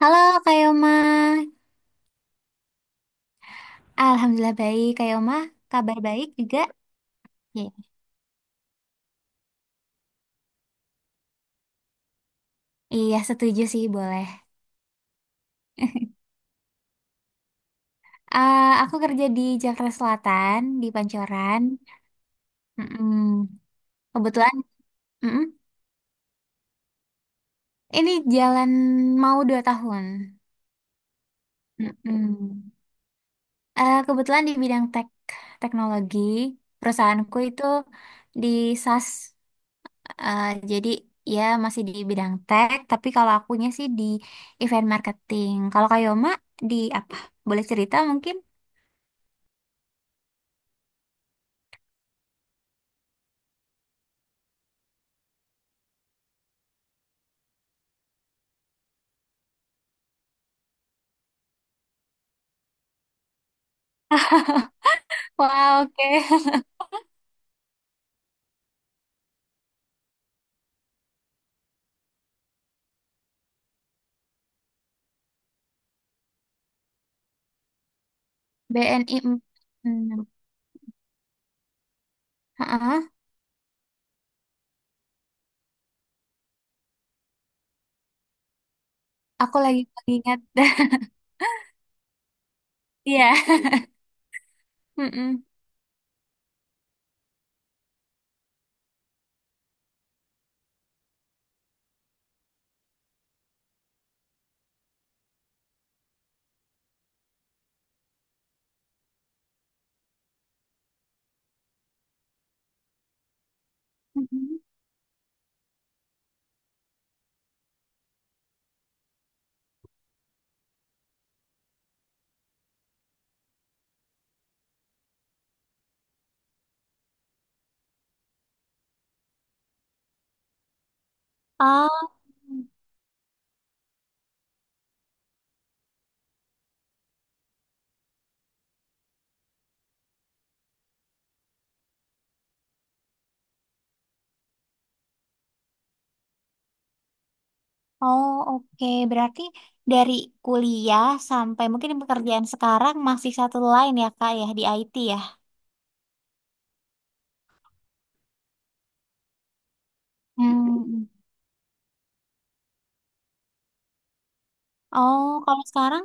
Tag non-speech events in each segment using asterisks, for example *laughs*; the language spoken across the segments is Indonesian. Halo Kak Yoma, Alhamdulillah baik Kak Yoma, kabar baik juga? Iya, Iya, setuju sih boleh. Eh, aku kerja di Jakarta Selatan, di Pancoran. Mm-mm. Kebetulan, mm-mm. Ini jalan mau 2 tahun. Mm-mm. Kebetulan di bidang teknologi, perusahaanku itu di SaaS. Eh, jadi ya masih di bidang tech, tapi kalau akunya sih di event marketing. Kalau Kayoma di apa? Boleh cerita mungkin? Wow, oke. *laughs* BNI 46. Heeh, aku lagi ingat. *laughs* Iya. Mm-mm. Mhm. Ah, oh oke. Berarti dari kuliah sampai mungkin pekerjaan sekarang masih satu line ya Kak ya di IT ya. mm Oh, kalau sekarang?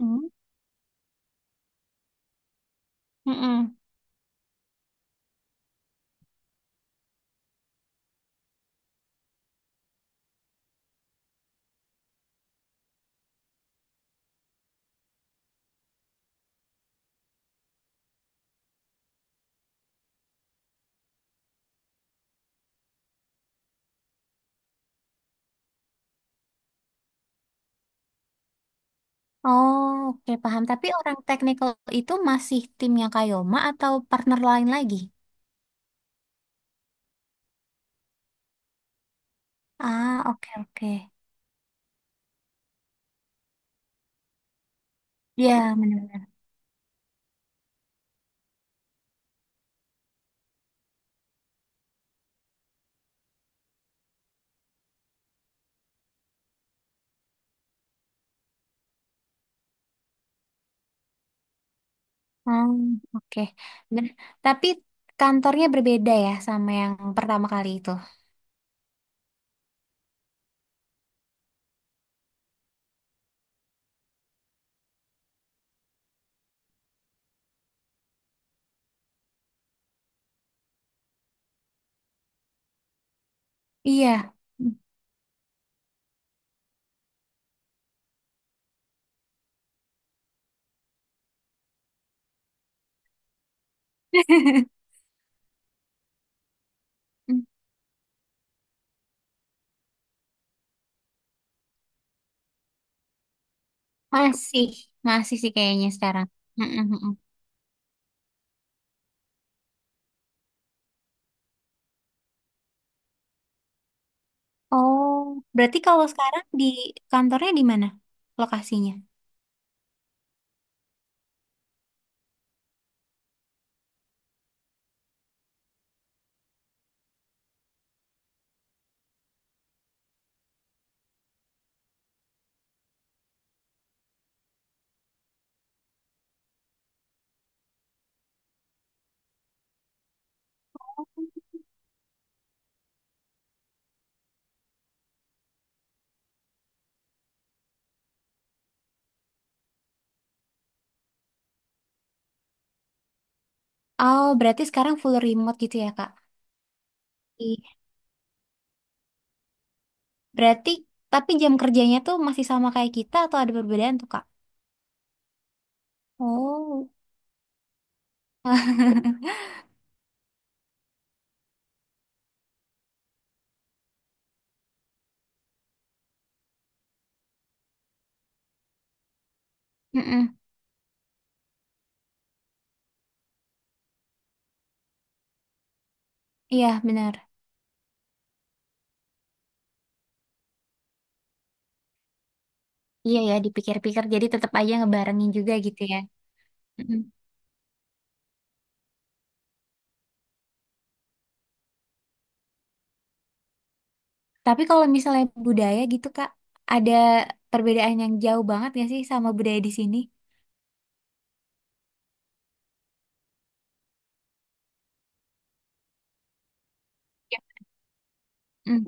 Hmm. Mm-mm. Oh, oke paham. Tapi orang technical itu masih timnya Kayoma atau partner lain lagi? Ah, oke oke. Ya, benar-benar. Hmm, oke. Ben- Tapi kantornya berbeda ya sama yang pertama kali itu. Iya. *laughs* Masih, masih sih kayaknya sekarang. Mm, mm, mm. Oh, berarti kalau sekarang di kantornya di mana lokasinya? Oh, berarti sekarang full remote gitu ya, Kak? Berarti, tapi jam kerjanya tuh masih sama kayak kita atau ada perbedaan tuh, Kak? Oh. *laughs* Mm-mm. Iya, benar. Iya ya, dipikir-pikir jadi tetap aja ngebarengin juga gitu ya. Mm-mm. Tapi kalau misalnya budaya gitu, Kak, ada perbedaan yang jauh banget gak sih sama budaya di sini? Ya. Mm.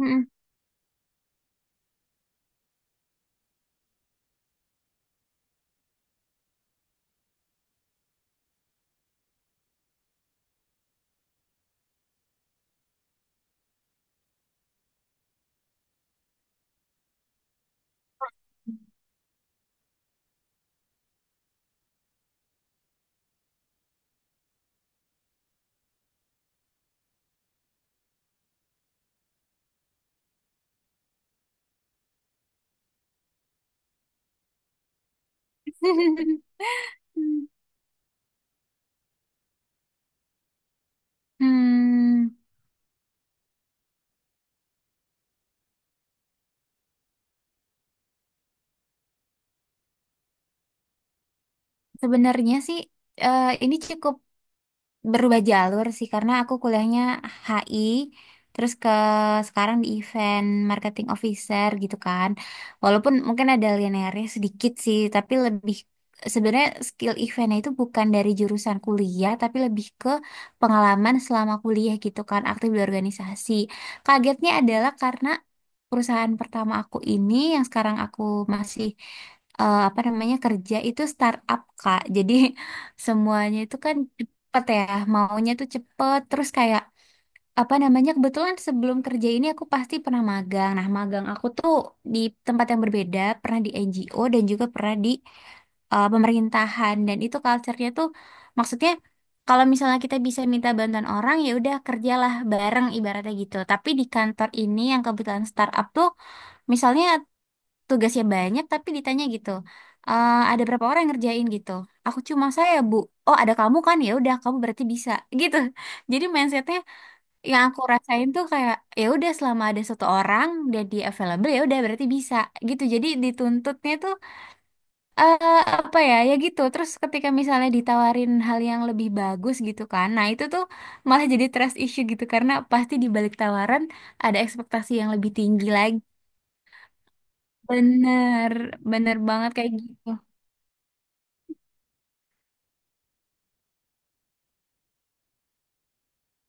Mm-mm. *laughs* Hmm, sebenarnya sih ini cukup berubah jalur sih karena aku kuliahnya HI terus ke sekarang di event marketing officer gitu kan, walaupun mungkin ada linearnya sedikit sih, tapi lebih, sebenarnya skill eventnya itu bukan dari jurusan kuliah tapi lebih ke pengalaman selama kuliah gitu kan, aktif di organisasi. Kagetnya adalah karena perusahaan pertama aku ini yang sekarang aku masih apa namanya, kerja itu startup Kak. Jadi *laughs* semuanya itu kan cepet ya, maunya tuh cepet terus kayak apa namanya, kebetulan sebelum kerja ini aku pasti pernah magang. Nah, magang aku tuh di tempat yang berbeda, pernah di NGO dan juga pernah di pemerintahan, dan itu culture-nya tuh maksudnya kalau misalnya kita bisa minta bantuan orang ya udah kerjalah bareng ibaratnya gitu. Tapi di kantor ini yang kebetulan startup tuh, misalnya tugasnya banyak tapi ditanya gitu, Ada berapa orang yang ngerjain gitu, aku cuma saya bu, oh ada kamu kan ya udah kamu berarti bisa gitu." *laughs* Jadi mindsetnya yang aku rasain tuh kayak ya udah, selama ada satu orang dan dia available ya udah berarti bisa gitu. Jadi dituntutnya tuh apa ya, ya gitu. Terus ketika misalnya ditawarin hal yang lebih bagus gitu kan, nah itu tuh malah jadi trust issue gitu, karena pasti di balik tawaran ada ekspektasi yang lebih tinggi lagi. Bener, bener banget kayak gitu.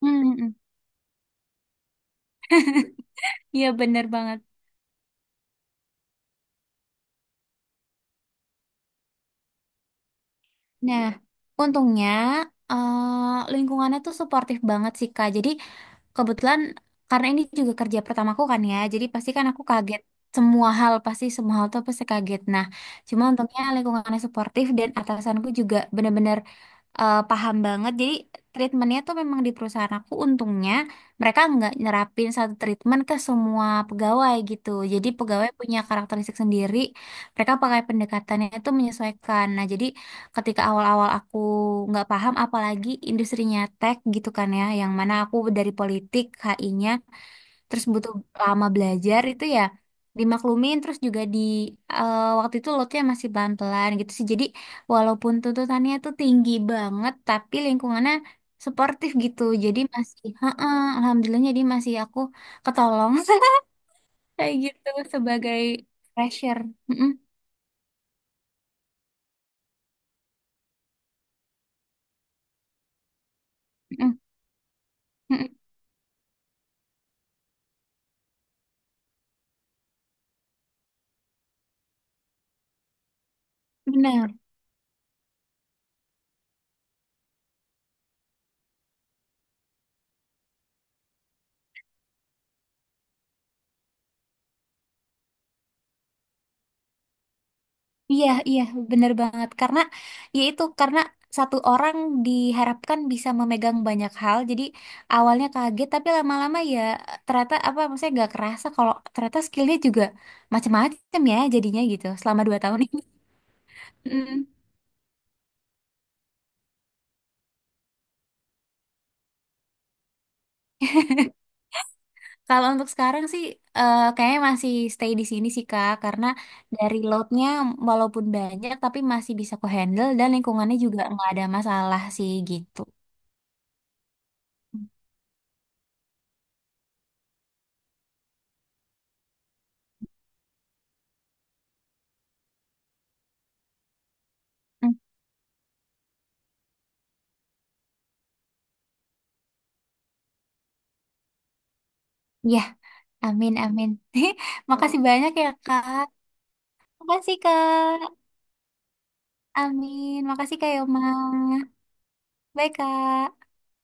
Hmm, hmm, hmm. Iya bener banget. Nah, untungnya lingkungannya tuh suportif banget sih Kak. Jadi kebetulan karena ini juga kerja pertamaku kan ya, jadi pasti kan aku kaget semua hal, pasti semua hal tuh pasti kaget. Nah, cuma untungnya lingkungannya suportif dan atasanku juga benar-benar paham banget. Jadi treatmentnya tuh memang di perusahaan aku untungnya mereka nggak nyerapin satu treatment ke semua pegawai gitu. Jadi pegawai punya karakteristik sendiri. Mereka pakai pendekatannya itu menyesuaikan. Nah, jadi ketika awal-awal aku nggak paham apalagi industrinya tech gitu kan ya, yang mana aku dari politik HI-nya, terus butuh lama belajar itu ya, dimaklumin. Terus juga di waktu itu lotnya masih pelan-pelan gitu sih, jadi walaupun tuntutannya itu tinggi banget tapi lingkungannya suportif gitu, jadi masih heeh alhamdulillahnya jadi masih aku ketolong *laughs* kayak gitu sebagai pressure. Mm -mm, mm -mm, mm -mm. Benar. Iya, iya, bener banget. Yaitu karena satu orang diharapkan bisa memegang banyak hal. Jadi awalnya kaget, tapi lama-lama ya ternyata apa, maksudnya gak kerasa kalau ternyata skillnya juga macam-macam ya jadinya gitu, selama 2 tahun ini. *laughs* Mm. Kalau untuk sekarang sih, kayaknya masih stay di sini sih Kak, karena dari loadnya walaupun banyak, tapi masih bisa ku handle dan lingkungannya juga nggak ada masalah sih gitu. Mm. Iya. Amin, amin. *laughs* Makasih banyak ya, Kak. Makasih, Kak. Amin. Makasih, Kak Yoma. Bye, Kak.